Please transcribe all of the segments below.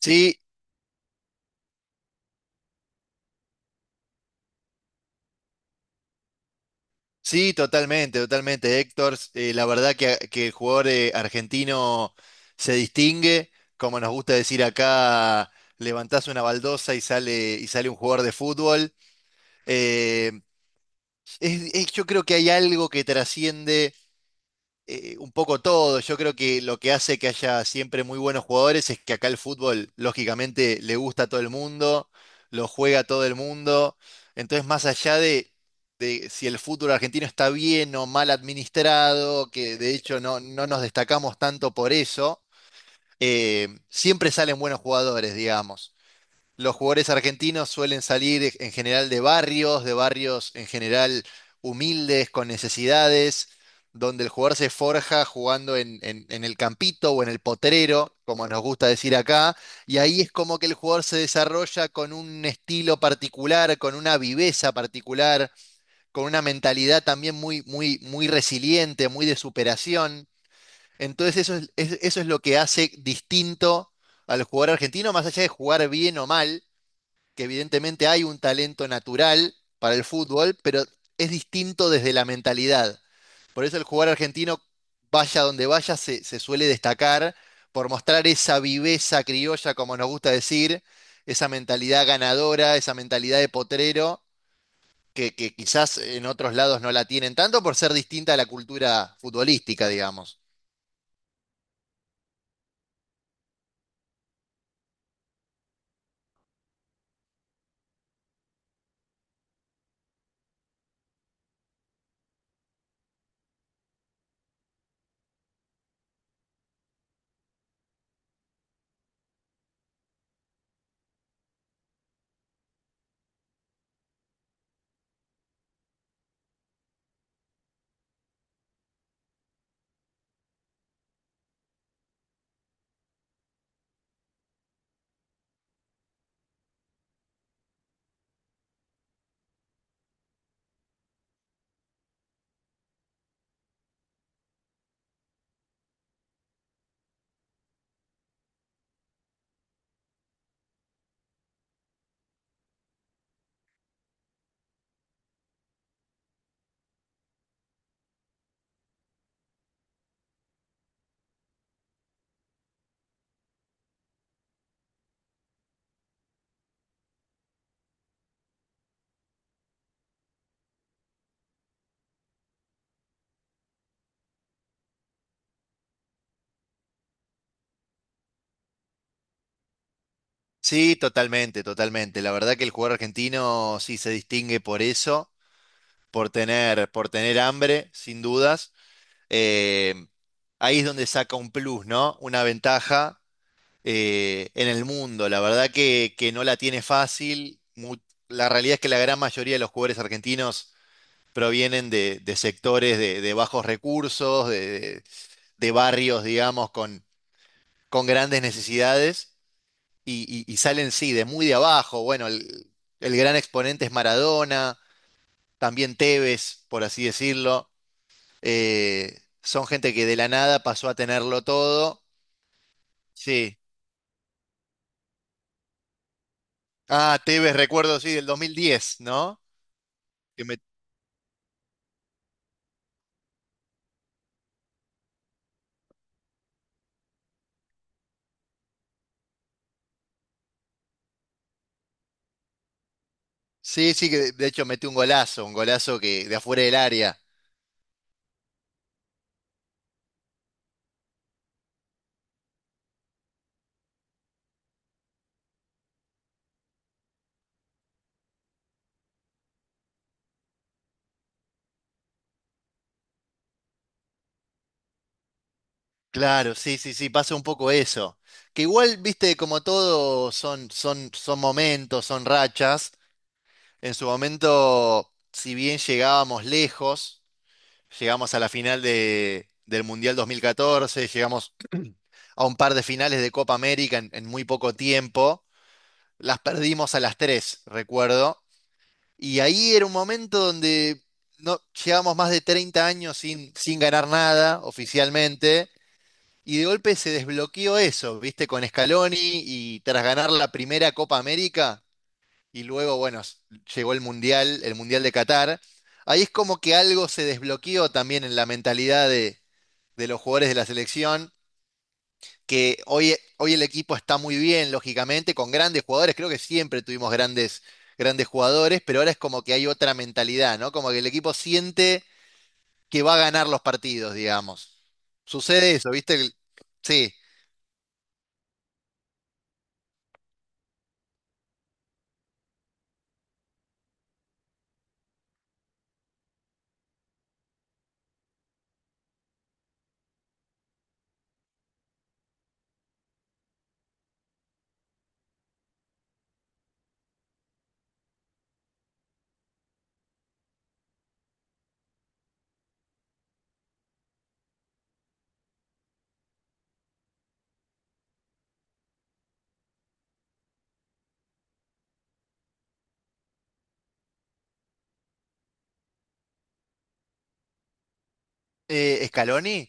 Sí, sí, totalmente, totalmente. Héctor, la verdad que el jugador argentino se distingue, como nos gusta decir acá, levantás una baldosa y sale un jugador de fútbol. Eh, yo creo que hay algo que trasciende un poco todo. Yo creo que lo que hace que haya siempre muy buenos jugadores es que acá el fútbol, lógicamente, le gusta a todo el mundo, lo juega a todo el mundo. Entonces, más allá de si el fútbol argentino está bien o mal administrado, que de hecho no nos destacamos tanto por eso, siempre salen buenos jugadores, digamos. Los jugadores argentinos suelen salir en general de barrios en general humildes, con necesidades, donde el jugador se forja jugando en el campito o en el potrero, como nos gusta decir acá, y ahí es como que el jugador se desarrolla con un estilo particular, con una viveza particular, con una mentalidad también muy, muy, muy resiliente, muy de superación. Entonces eso es lo que hace distinto al jugador argentino, más allá de jugar bien o mal, que evidentemente hay un talento natural para el fútbol, pero es distinto desde la mentalidad. Por eso el jugador argentino, vaya donde vaya, se suele destacar por mostrar esa viveza criolla, como nos gusta decir, esa mentalidad ganadora, esa mentalidad de potrero, que quizás en otros lados no la tienen tanto por ser distinta a la cultura futbolística, digamos. Sí, totalmente, totalmente. La verdad que el jugador argentino sí se distingue por eso, por tener hambre, sin dudas. Eh, ahí es donde saca un plus, ¿no? Una ventaja en el mundo. La verdad que no la tiene fácil. La realidad es que la gran mayoría de los jugadores argentinos provienen de sectores de bajos recursos, de barrios, digamos, con grandes necesidades y salen, sí, de muy de abajo. Bueno, el gran exponente es Maradona, también Tevez, por así decirlo. Son gente que de la nada pasó a tenerlo todo. Sí. Ah, Tevez, recuerdo, sí, del 2010, ¿no? Que me- Sí, sí, que de hecho metió un golazo que de afuera del área. Claro, sí, sí, sí, pasa un poco eso. Que igual, viste, como todo son momentos, son rachas. En su momento, si bien llegábamos lejos, llegamos a la final del Mundial 2014, llegamos a un par de finales de Copa América en muy poco tiempo. Las perdimos a las tres, recuerdo. Y ahí era un momento donde no, llevamos más de 30 años sin ganar nada oficialmente. Y de golpe se desbloqueó eso, ¿viste? Con Scaloni y tras ganar la primera Copa América y luego, bueno, llegó el Mundial de Qatar. Ahí es como que algo se desbloqueó también en la mentalidad de los jugadores de la selección, que hoy, hoy el equipo está muy bien, lógicamente, con grandes jugadores. Creo que siempre tuvimos grandes, grandes jugadores, pero ahora es como que hay otra mentalidad, ¿no? Como que el equipo siente que va a ganar los partidos, digamos. Sucede eso, ¿viste? Sí. Scaloni,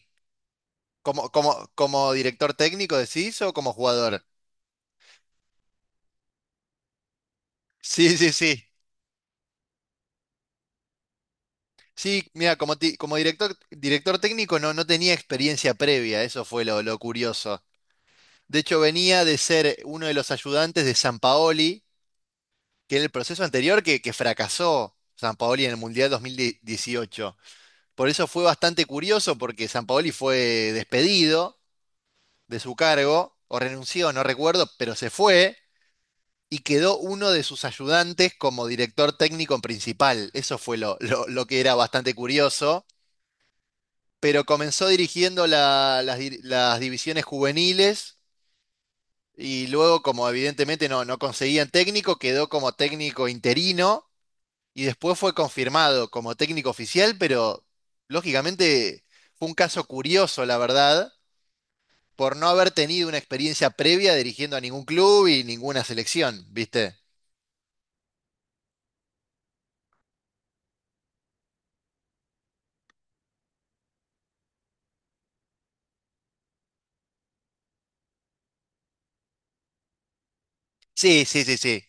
como, como, como director técnico, decís, o como jugador. Sí, sí, sí. Sí, mira, como director, director técnico no, no tenía experiencia previa, eso fue lo curioso. De hecho, venía de ser uno de los ayudantes de Sampaoli, que era el proceso anterior que fracasó Sampaoli en el Mundial 2018. Por eso fue bastante curioso, porque Sampaoli fue despedido de su cargo, o renunció, no recuerdo, pero se fue y quedó uno de sus ayudantes como director técnico principal. Eso fue lo que era bastante curioso. Pero comenzó dirigiendo las divisiones juveniles y luego, como evidentemente no, no conseguían técnico, quedó como técnico interino y después fue confirmado como técnico oficial, pero lógicamente fue un caso curioso, la verdad, por no haber tenido una experiencia previa dirigiendo a ningún club y ninguna selección, ¿viste? Sí, sí, sí, sí.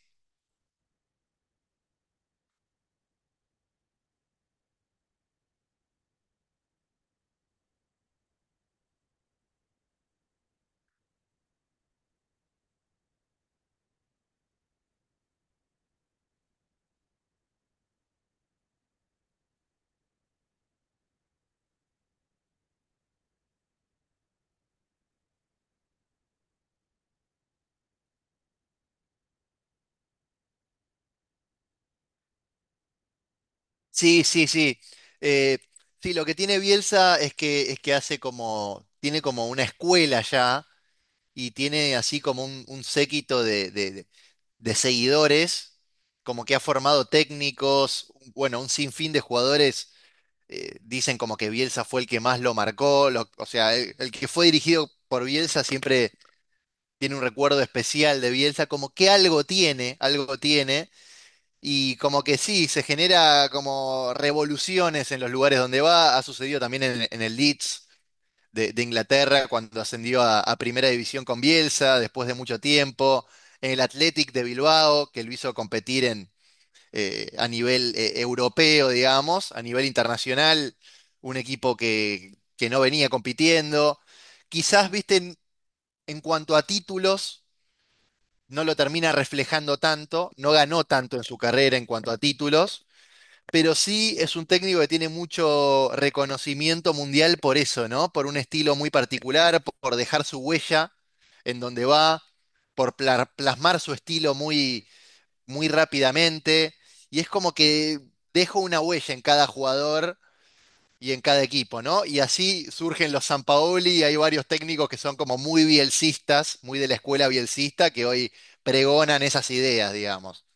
Sí, sí, sí. Eh, sí, lo que tiene Bielsa es es que hace como, tiene como una escuela ya y tiene así como un séquito de seguidores, como que ha formado técnicos, bueno, un sinfín de jugadores dicen como que Bielsa fue el que más lo marcó, o sea, el que fue dirigido por Bielsa siempre tiene un recuerdo especial de Bielsa, como que algo tiene, y como que sí, se genera como revoluciones en los lugares donde va, ha sucedido también en el Leeds de Inglaterra cuando ascendió a Primera División con Bielsa después de mucho tiempo, en el Athletic de Bilbao, que lo hizo competir en a nivel europeo, digamos, a nivel internacional, un equipo que no venía compitiendo. Quizás, viste, en cuanto a títulos, no lo termina reflejando tanto, no ganó tanto en su carrera en cuanto a títulos, pero sí es un técnico que tiene mucho reconocimiento mundial por eso, ¿no? Por un estilo muy particular, por dejar su huella en donde va, por plasmar su estilo muy muy rápidamente y es como que dejo una huella en cada jugador y en cada equipo, ¿no? Y así surgen los Sampaoli y hay varios técnicos que son como muy bielcistas, muy de la escuela bielcista, que hoy pregonan esas ideas, digamos.